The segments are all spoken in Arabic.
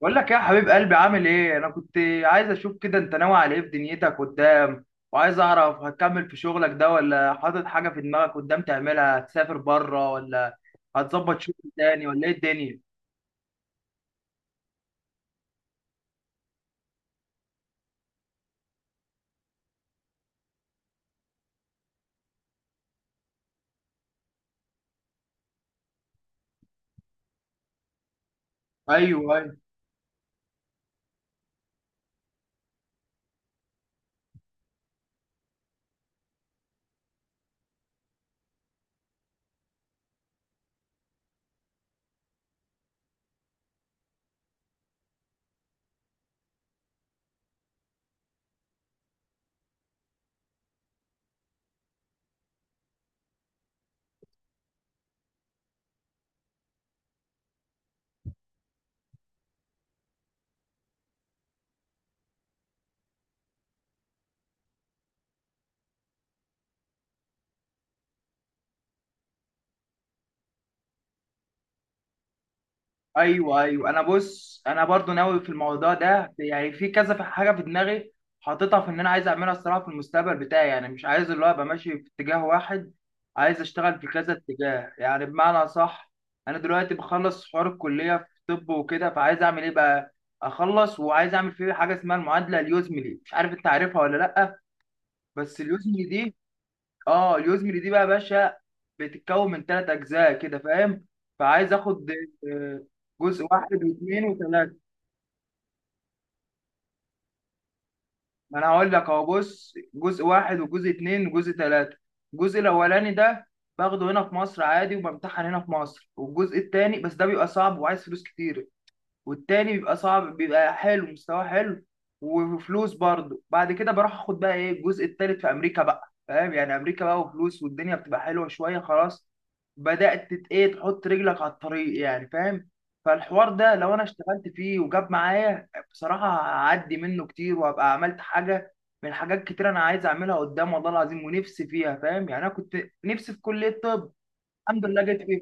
بقول لك إيه يا حبيب قلبي، عامل ايه؟ انا كنت عايز اشوف كده انت ناوي على ايه في دنيتك قدام، وعايز اعرف هتكمل في شغلك ده ولا حاطط حاجه في دماغك قدام تعملها؟ هتسافر بره ولا هتظبط شغل تاني ولا ايه الدنيا؟ ايوه، ايوه، ايوه، انا بص، انا برضو ناوي في الموضوع ده، يعني في كذا حاجه في دماغي حاططها، في ان انا عايز اعملها الصراحه في المستقبل بتاعي، يعني مش عايز اللي هو ابقى ماشي في اتجاه واحد، عايز اشتغل في كذا اتجاه يعني بمعنى صح. انا دلوقتي بخلص حوار الكليه في طب وكده، فعايز اعمل ايه بقى؟ اخلص وعايز اعمل فيه حاجه اسمها المعادله اليوزملي، مش عارف انت عارفها ولا لا. بس اليوزملي دي، اه اليوزمري دي بقى يا باشا، بتتكون من ثلاث اجزاء كده فاهم، فعايز اخد آه، جزء واحد واثنين وثلاثه. ما انا هقول لك اهو، بص جزء واحد وجزء اثنين وجزء ثلاثه. الجزء الاولاني ده باخده هنا في مصر عادي، وبمتحن هنا في مصر. والجزء الثاني بس ده بيبقى صعب وعايز فلوس كتير، والتاني بيبقى صعب، بيبقى حلو، مستواه حلو وفلوس برضه. بعد كده بروح اخد بقى ايه، الجزء التالت في امريكا بقى، فاهم يعني امريكا بقى وفلوس والدنيا بتبقى حلوه شويه، خلاص بدات ايه تحط رجلك على الطريق يعني فاهم. فالحوار ده لو انا اشتغلت فيه وجاب معايا بصراحه، هعدي منه كتير وهبقى عملت حاجه من حاجات كتير انا عايز اعملها قدام، والله العظيم ونفسي فيها فاهم. يعني انا كنت نفسي في كليه طب، الحمد لله جت فيها.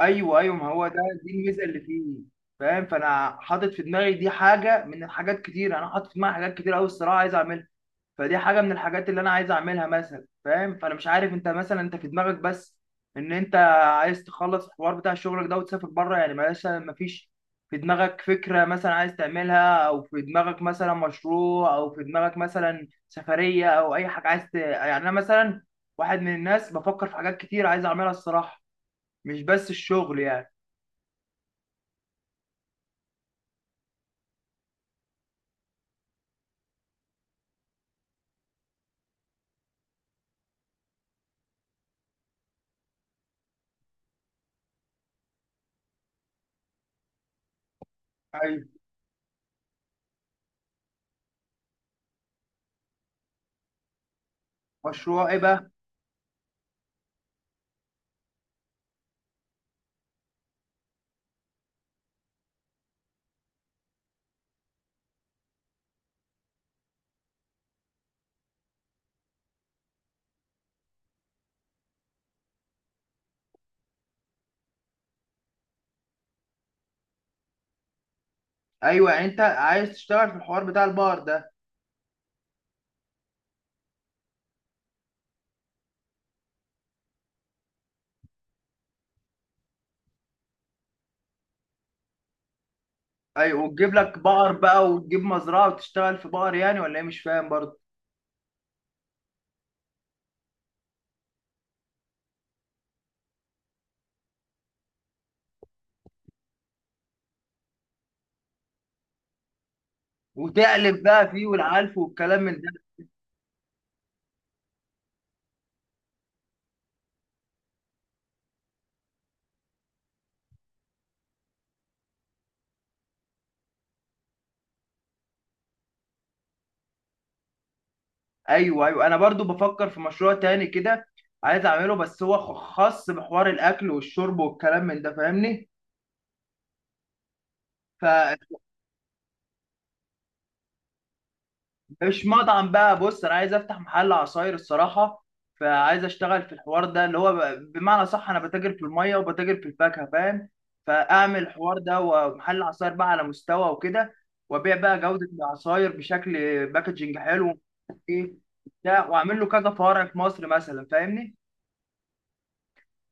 ايوه ايوه، ما هو ده، دي الميزه اللي فيه فاهم. فانا حاطط في دماغي دي حاجه من الحاجات كتير، انا حاطط في دماغي حاجات كتير قوي الصراحه عايز اعملها. فدي حاجه من الحاجات اللي انا عايز اعملها مثلا فاهم. فانا مش عارف انت مثلا، انت في دماغك بس ان انت عايز تخلص الحوار بتاع شغلك ده وتسافر بره يعني؟ مثلا ما فيش في دماغك فكره مثلا عايز تعملها، او في دماغك مثلا مشروع، او في دماغك مثلا سفريه، او اي حاجه عايز ت... يعني انا مثلا واحد من الناس بفكر في حاجات كتير عايز اعملها الصراحه، مش بس الشغل يعني. ايوه. مشروع ايه بقى؟ ايوه يعني انت عايز تشتغل في الحوار بتاع البقر ده. ايوه وتجيب لك بقر بقى وتجيب مزرعه وتشتغل في بقر يعني، ولا ايه مش فاهم برضه. وتقلب بقى فيه والعلف والكلام من ده. ايوه ايوه، انا برضو بفكر في مشروع تاني كده عايز اعمله، بس هو خاص بحوار الاكل والشرب والكلام من ده فاهمني. مش مطعم بقى، بص انا عايز افتح محل عصاير الصراحه، فعايز اشتغل في الحوار ده اللي هو بمعنى صح، انا بتاجر في الميه وبتاجر في الفاكهه فاهم. فاعمل الحوار ده ومحل عصاير بقى على مستوى وكده، وابيع بقى جوده العصاير بشكل باكجنج حلو. ايه بتاع، واعمل له كذا فرع في مصر مثلا فاهمني.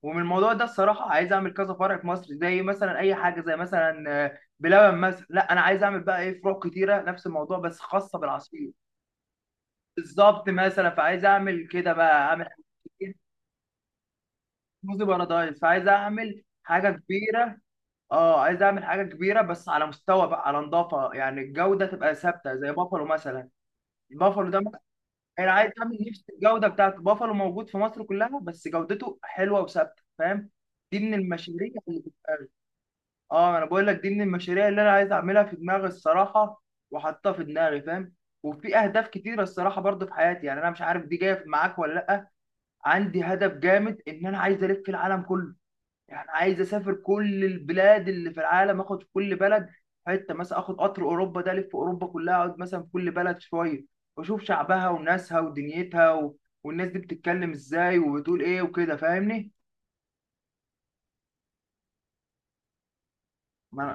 ومن الموضوع ده الصراحه عايز اعمل كذا فرع في مصر، زي مثلا اي حاجه، زي مثلا بلبن مثلا. لا انا عايز اعمل بقى ايه، فروع كتيره نفس الموضوع بس خاصه بالعصير. بالظبط مثلا، فعايز اعمل كده بقى، اعمل حاجه موزي بارادايس. فعايز اعمل حاجه كبيره، اه عايز اعمل حاجه كبيره بس على مستوى بقى، على نظافه، يعني الجوده تبقى ثابته زي بافالو مثلا. بافالو ده مثلاً، انا عايز اعمل نفس الجوده بتاعت بافالو موجود في مصر كلها، بس جودته حلوه وثابته فاهم. دي من المشاريع اللي بتبقى، اه انا بقول لك دي من المشاريع اللي انا عايز اعملها في دماغي الصراحه، وحاطها في دماغي فاهم. وفي اهداف كتيره الصراحه برضو في حياتي، يعني انا مش عارف دي جايه معاك ولا لا. عندي هدف جامد ان انا عايز الف العالم كله، يعني عايز اسافر كل البلاد اللي في العالم، اخد في كل بلد حته، مثلا اخد قطر اوروبا ده الف اوروبا كلها، اقعد مثلا في كل بلد شويه واشوف شعبها وناسها ودنيتها و... والناس دي بتتكلم ازاي وبتقول ايه وكده فاهمني. ما أنا...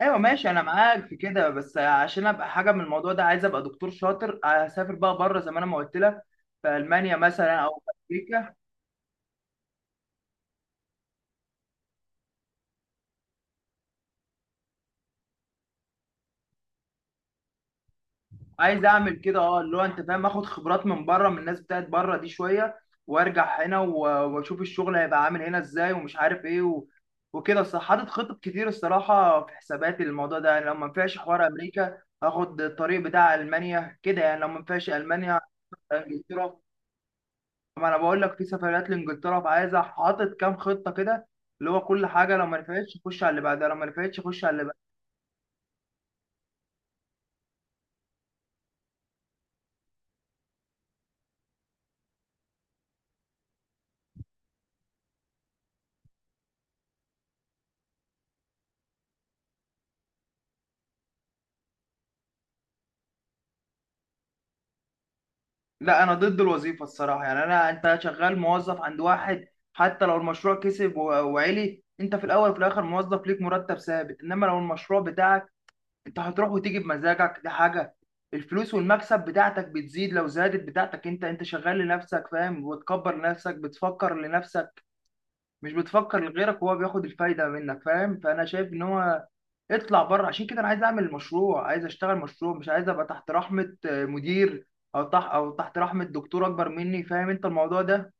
ايوه ماشي انا معاك في كده، بس عشان ابقى حاجه من الموضوع ده عايز ابقى دكتور شاطر، اسافر بقى بره زي ما انا ما قلت لك، في المانيا مثلا او في امريكا. عايز اعمل كده اه، اللي هو انت فاهم، اخد خبرات من بره من الناس بتاعت بره دي شويه وارجع هنا واشوف الشغل هيبقى عامل هنا ازاي ومش عارف ايه و... وكده الصراحه، حاطط خطط كتير الصراحه في حساباتي للموضوع ده، يعني لو ما نفعش حوار امريكا هاخد الطريق بتاع المانيا كده، يعني لو ما نفعش المانيا، انجلترا. ما انا بقول لك في سفريات لانجلترا، فعايز حاطط كام خطه كده، اللي هو كل حاجه لو ما نفعتش اخش على اللي بعدها، لو ما نفعتش اخش على اللي بعدها. لا، انا ضد الوظيفه الصراحه، يعني انا، انت شغال موظف عند واحد، حتى لو المشروع كسب وعلي، انت في الاول وفي الاخر موظف ليك مرتب ثابت، انما لو المشروع بتاعك انت هتروح وتيجي بمزاجك دي حاجه، الفلوس والمكسب بتاعتك بتزيد، لو زادت بتاعتك انت، انت شغال لنفسك فاهم، وتكبر لنفسك، بتفكر لنفسك مش بتفكر لغيرك وهو بياخد الفايده منك فاهم. فانا شايف ان هو اطلع بره، عشان كده انا عايز اعمل مشروع، عايز اشتغل مشروع، مش عايز ابقى تحت رحمه مدير، او تحت او تحت رحمه دكتور اكبر مني، فاهم انت الموضوع ده.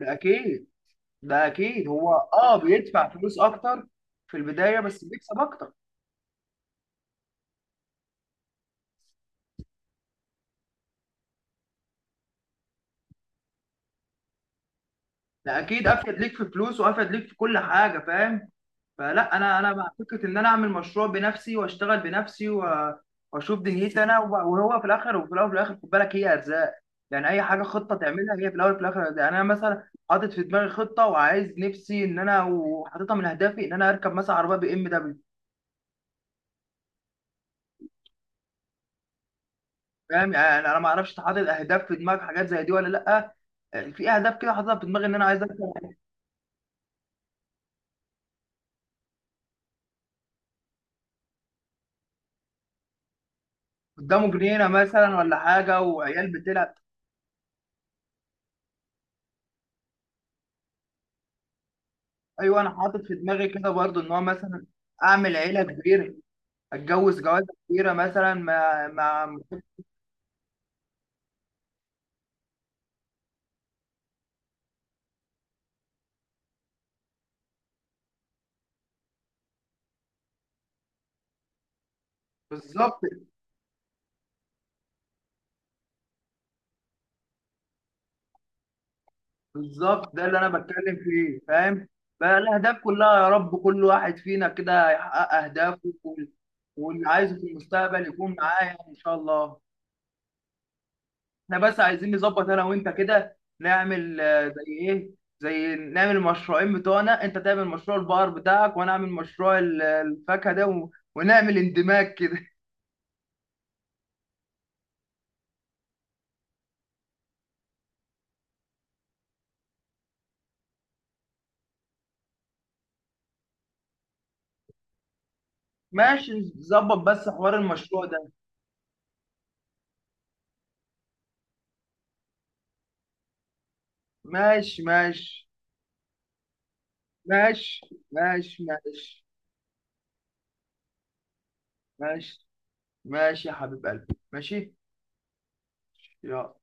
فاكيد، ده اكيد هو اه بيدفع فلوس اكتر في البدايه بس بيكسب اكتر. ده اكيد افيد ليك في فلوس وافيد ليك في كل حاجه فاهم. فلا انا، انا مع فكره ان انا اعمل مشروع بنفسي واشتغل بنفسي واشوف دنيتي انا وهو في الاخر، وفي الاول وفي الاخر خد بالك، هي ارزاق يعني، اي حاجه خطه تعملها هي في الاول وفي الاخر ارزاق. يعني انا مثلا حاطط في دماغي خطه وعايز نفسي ان انا، وحاططها من اهدافي، ان انا اركب مثلا عربيه BMW. فاهم يعني انا ما اعرفش، حاطط اهداف في دماغي حاجات زي دي ولا لا؟ في اهداف كده حاططها في دماغي، ان انا عايز اركب، قدامه جنينه مثلا ولا حاجه، وعيال بتلعب. ايوه انا حاطط في دماغي كده برضو، ان هو مثلا اعمل عيله كبيره، اتجوز جوازه كبيره مثلا مع. بالظبط، بالظبط، ده اللي انا بتكلم فيه فاهم. بقى الاهداف كلها يا رب، كل واحد فينا كده يحقق اهدافه واللي عايزه في المستقبل يكون معاه، يعني ان شاء الله. احنا بس عايزين نظبط انا وانت كده، نعمل زي ايه، زي نعمل المشروعين بتوعنا، انت تعمل مشروع البقر بتاعك وانا اعمل مشروع الفاكهه ده ونعمل اندماج كده. ماشي نظبط بس حوار المشروع ده. ماشي، ماشي، ماشي، ماشي، ماشي، ماشي، ماشي يا حبيب قلبي، ماشي، يلا.